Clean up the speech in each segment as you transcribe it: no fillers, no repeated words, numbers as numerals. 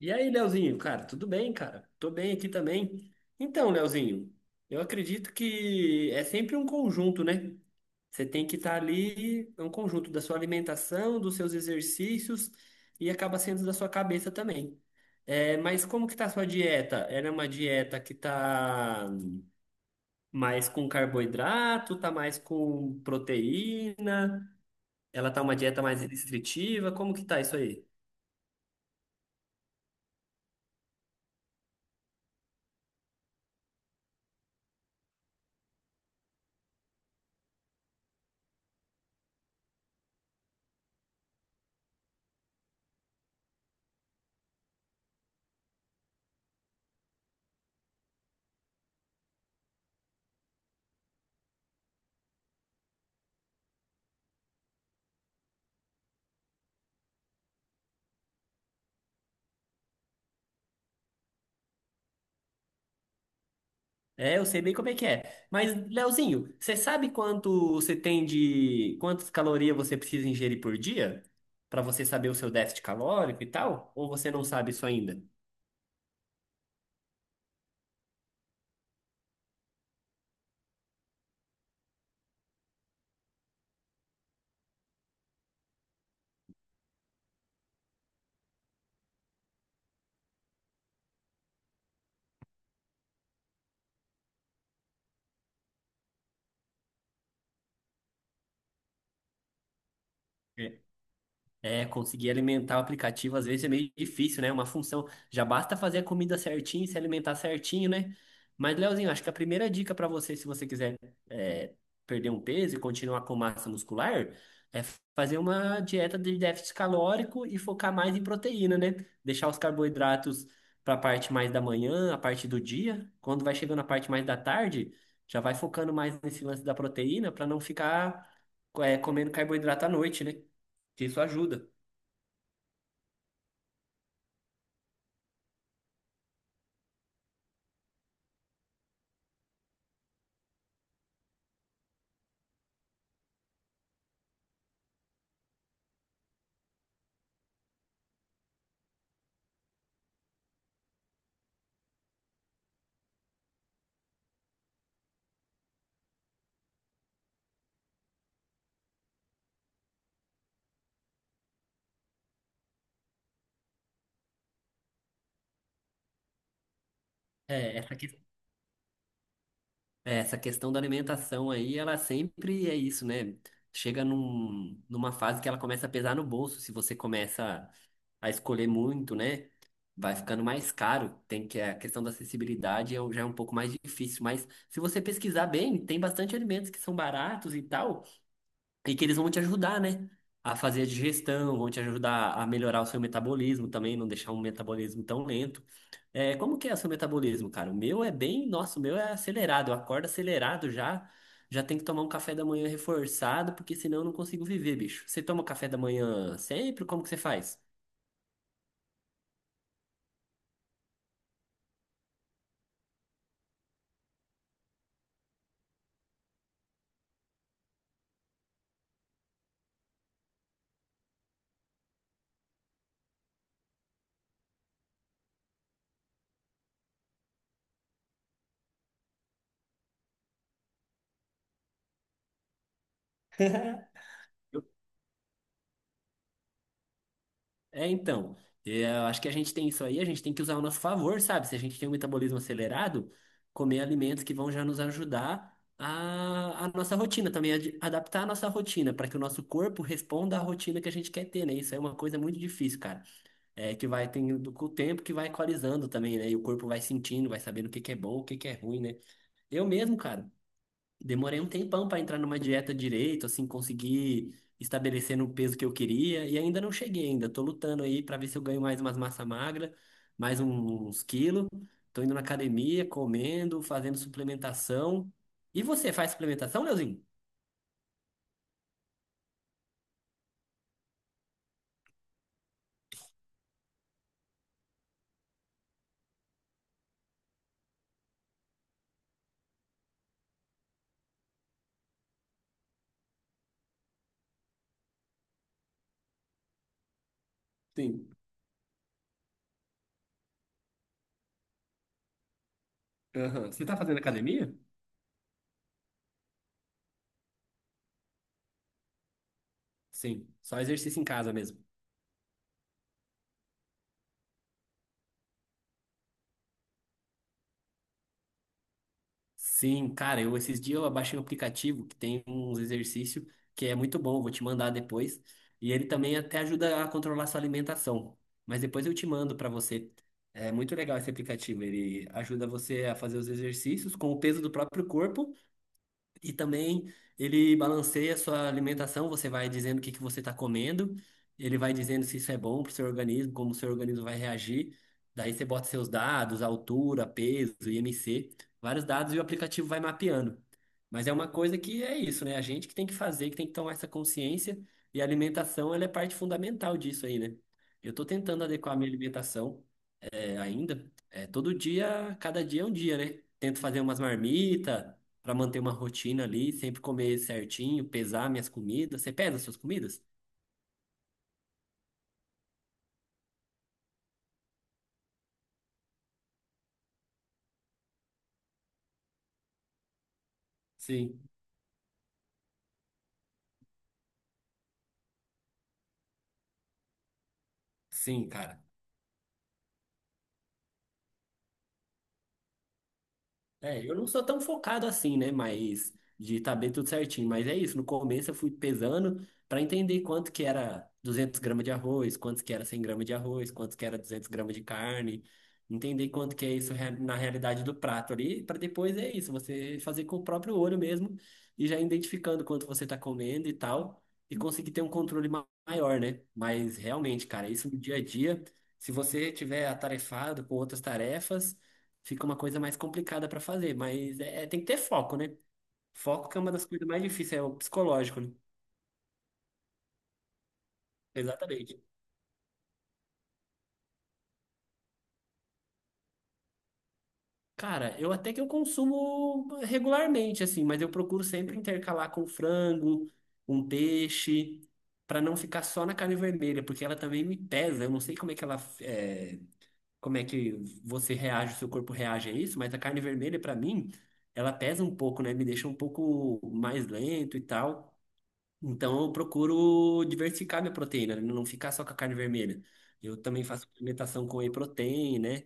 E aí, Leozinho, cara, tudo bem, cara? Tô bem aqui também. Então, Leozinho, eu acredito que é sempre um conjunto, né? Você tem que estar ali, é um conjunto da sua alimentação, dos seus exercícios e acaba sendo da sua cabeça também. É, mas como que tá a sua dieta? Ela é uma dieta que tá mais com carboidrato, tá mais com proteína? Ela tá uma dieta mais restritiva? Como que tá isso aí? É, eu sei bem como é que é. Mas, Leozinho, você sabe quanto você tem de quantas calorias você precisa ingerir por dia para você saber o seu déficit calórico e tal? Ou você não sabe isso ainda? É, conseguir alimentar o aplicativo às vezes é meio difícil, né? Uma função. Já basta fazer a comida certinho, se alimentar certinho, né? Mas, Leozinho, acho que a primeira dica para você, se você quiser é, perder um peso e continuar com massa muscular, é fazer uma dieta de déficit calórico e focar mais em proteína, né? Deixar os carboidratos para a parte mais da manhã, a parte do dia. Quando vai chegando a parte mais da tarde, já vai focando mais nesse lance da proteína para não ficar é, comendo carboidrato à noite, né? Que isso ajuda. É, essa, que- é, essa questão da alimentação aí, ela sempre é isso, né? Chega numa fase que ela começa a pesar no bolso. Se você começa a escolher muito, né? Vai ficando mais caro. Tem que a questão da acessibilidade já é um pouco mais difícil. Mas se você pesquisar bem, tem bastante alimentos que são baratos e tal, e que eles vão te ajudar, né? A fazer a digestão, vão te ajudar a melhorar o seu metabolismo também, não deixar um metabolismo tão lento. É, como que é o seu metabolismo, cara? O meu é bem, nossa, o meu é acelerado, eu acordo acelerado já, já tem que tomar um café da manhã reforçado, porque senão eu não consigo viver, bicho. Você toma café da manhã sempre? Como que você faz? Eu- É, então, eu acho que a gente tem isso aí, a gente tem que usar ao nosso favor, sabe? Se a gente tem um metabolismo acelerado, comer alimentos que vão já nos ajudar a nossa rotina também, a adaptar a nossa rotina, para que o nosso corpo responda à rotina que a gente quer ter, né? Isso é uma coisa muito difícil, cara. É que vai tendo com o tempo que vai equalizando também, né? E o corpo vai sentindo, vai sabendo o que que é bom, o que que é ruim, né? Eu mesmo, cara, demorei um tempão pra entrar numa dieta direito, assim, conseguir estabelecer no peso que eu queria e ainda não cheguei ainda. Tô lutando aí pra ver se eu ganho mais umas massa magra, mais uns quilos. Tô indo na academia, comendo, fazendo suplementação. E você faz suplementação, Leozinho? Sim. Aham. Você tá fazendo academia? Sim, só exercício em casa mesmo. Sim, cara, eu esses dias eu baixei um aplicativo que tem uns exercícios que é muito bom, vou te mandar depois. E ele também até ajuda a controlar sua alimentação. Mas depois eu te mando para você. É muito legal esse aplicativo, ele ajuda você a fazer os exercícios com o peso do próprio corpo e também ele balanceia a sua alimentação, você vai dizendo o que que você está comendo, ele vai dizendo se isso é bom para o seu organismo, como o seu organismo vai reagir. Daí você bota seus dados, altura, peso, IMC, vários dados e o aplicativo vai mapeando. Mas é uma coisa que é isso, né? A gente que tem que fazer, que tem que tomar essa consciência, e a alimentação, ela é parte fundamental disso aí, né? Eu estou tentando adequar a minha alimentação é, ainda. É, todo dia, cada dia é um dia, né? Tento fazer umas marmitas para manter uma rotina ali, sempre comer certinho, pesar minhas comidas. Você pesa suas comidas? Sim, sim, cara. É, eu não sou tão focado assim, né? Mas de tá bem tudo certinho. Mas é isso, no começo eu fui pesando para entender quanto que era 200 gramas de arroz, quanto que era 100 gramas de arroz, quanto que era 200 gramas de carne. Entender quanto que é isso na realidade do prato ali, para depois é isso, você fazer com o próprio olho mesmo e já identificando quanto você tá comendo e tal, e conseguir ter um controle maior, né? Mas realmente, cara, isso no dia a dia, se você tiver atarefado com outras tarefas fica uma coisa mais complicada para fazer, mas tem que ter foco, né? Foco que é uma das coisas mais difíceis, é o psicológico, né? Exatamente. Cara, eu até que eu consumo regularmente, assim, mas eu procuro sempre intercalar com frango, um peixe, para não ficar só na carne vermelha, porque ela também me pesa. Eu não sei como é que ela, é, como é que você reage, o seu corpo reage a isso, mas a carne vermelha, para mim, ela pesa um pouco, né? Me deixa um pouco mais lento e tal. Então eu procuro diversificar minha proteína, né? Não ficar só com a carne vermelha. Eu também faço alimentação com whey protein, né?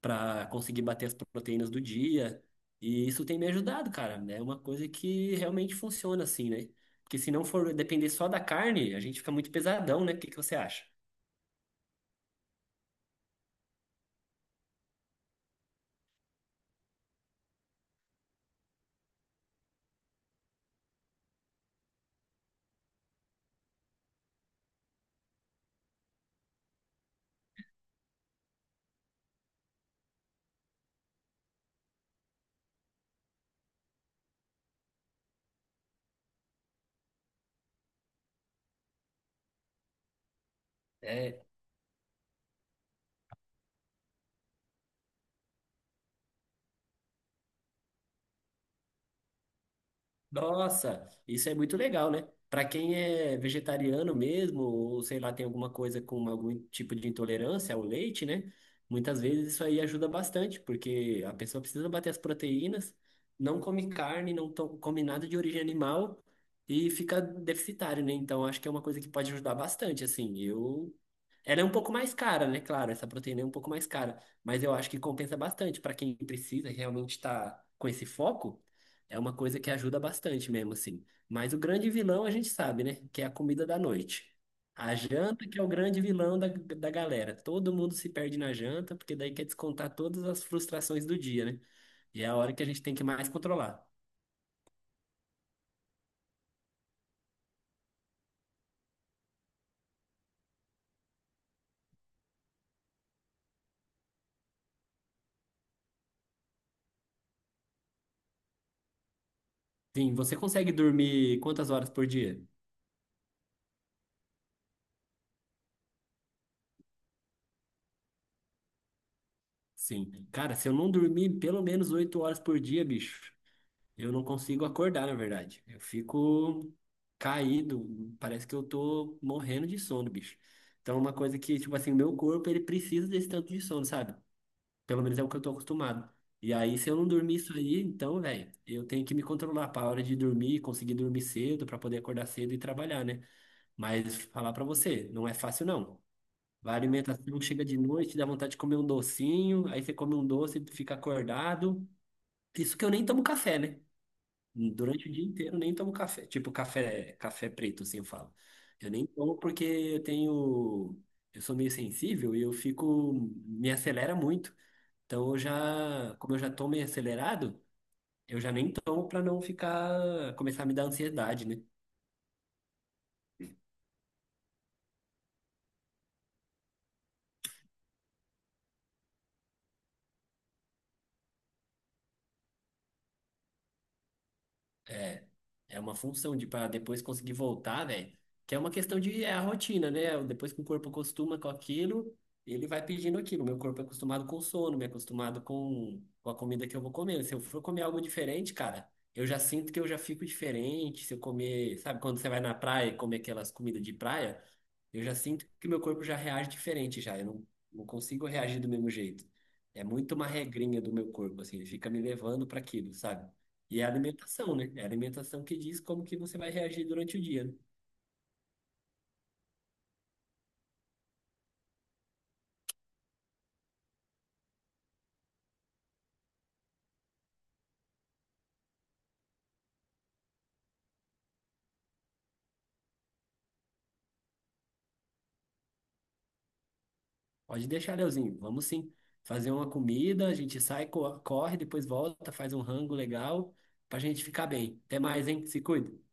Pra conseguir bater as proteínas do dia. E isso tem me ajudado, cara. É uma coisa que realmente funciona assim, né? Porque se não for depender só da carne, a gente fica muito pesadão, né? O que que você acha? Nossa, isso é muito legal, né? Para quem é vegetariano mesmo, ou sei lá, tem alguma coisa com algum tipo de intolerância ao leite, né? Muitas vezes isso aí ajuda bastante, porque a pessoa precisa bater as proteínas, não come carne, não come nada de origem animal e fica deficitário, né? Então acho que é uma coisa que pode ajudar bastante, assim. Eu ela é um pouco mais cara, né? Claro, essa proteína é um pouco mais cara, mas eu acho que compensa bastante para quem precisa e realmente estar com esse foco. É uma coisa que ajuda bastante mesmo, assim. Mas o grande vilão a gente sabe, né? Que é a comida da noite. A janta que é o grande vilão da galera. Todo mundo se perde na janta, porque daí quer descontar todas as frustrações do dia, né? E é a hora que a gente tem que mais controlar. Sim, você consegue dormir quantas horas por dia? Sim. Cara, se eu não dormir pelo menos 8 horas por dia, bicho, eu não consigo acordar, na verdade. Eu fico caído, parece que eu tô morrendo de sono, bicho. Então é uma coisa que, tipo assim, o meu corpo, ele precisa desse tanto de sono, sabe? Pelo menos é o que eu tô acostumado. E aí, se eu não dormir isso aí, então, velho, eu tenho que me controlar pra hora de dormir, conseguir dormir cedo, pra poder acordar cedo e trabalhar, né? Mas falar pra você, não é fácil, não. A alimentação chega de noite, dá vontade de comer um docinho, aí você come um doce, fica acordado. Isso que eu nem tomo café, né? Durante o dia inteiro eu nem tomo café. Tipo, café, café preto, assim eu falo. Eu nem tomo porque eu tenho. Eu sou meio sensível e eu fico. Me acelera muito. Então eu já. Como eu já tô meio acelerado, eu já nem tomo pra não ficar. Começar a me dar ansiedade, né? É, é uma função de para depois conseguir voltar, velho. Que é uma questão de é a rotina, né? Depois que o corpo acostuma com aquilo, ele vai pedindo aquilo. Meu corpo é acostumado com sono, me é acostumado com a comida que eu vou comer. Se eu for comer algo diferente, cara, eu já sinto que eu já fico diferente. Se eu comer, sabe, quando você vai na praia e comer aquelas comidas de praia, eu já sinto que meu corpo já reage diferente já. Eu não, não consigo reagir do mesmo jeito. É muito uma regrinha do meu corpo, assim, ele fica me levando para aquilo, sabe? E é a alimentação, né? É a alimentação que diz como que você vai reagir durante o dia, né? Pode deixar, Leozinho. Vamos sim. Fazer uma comida, a gente sai, corre, depois volta, faz um rango legal pra gente ficar bem. Até mais, hein? Se cuida.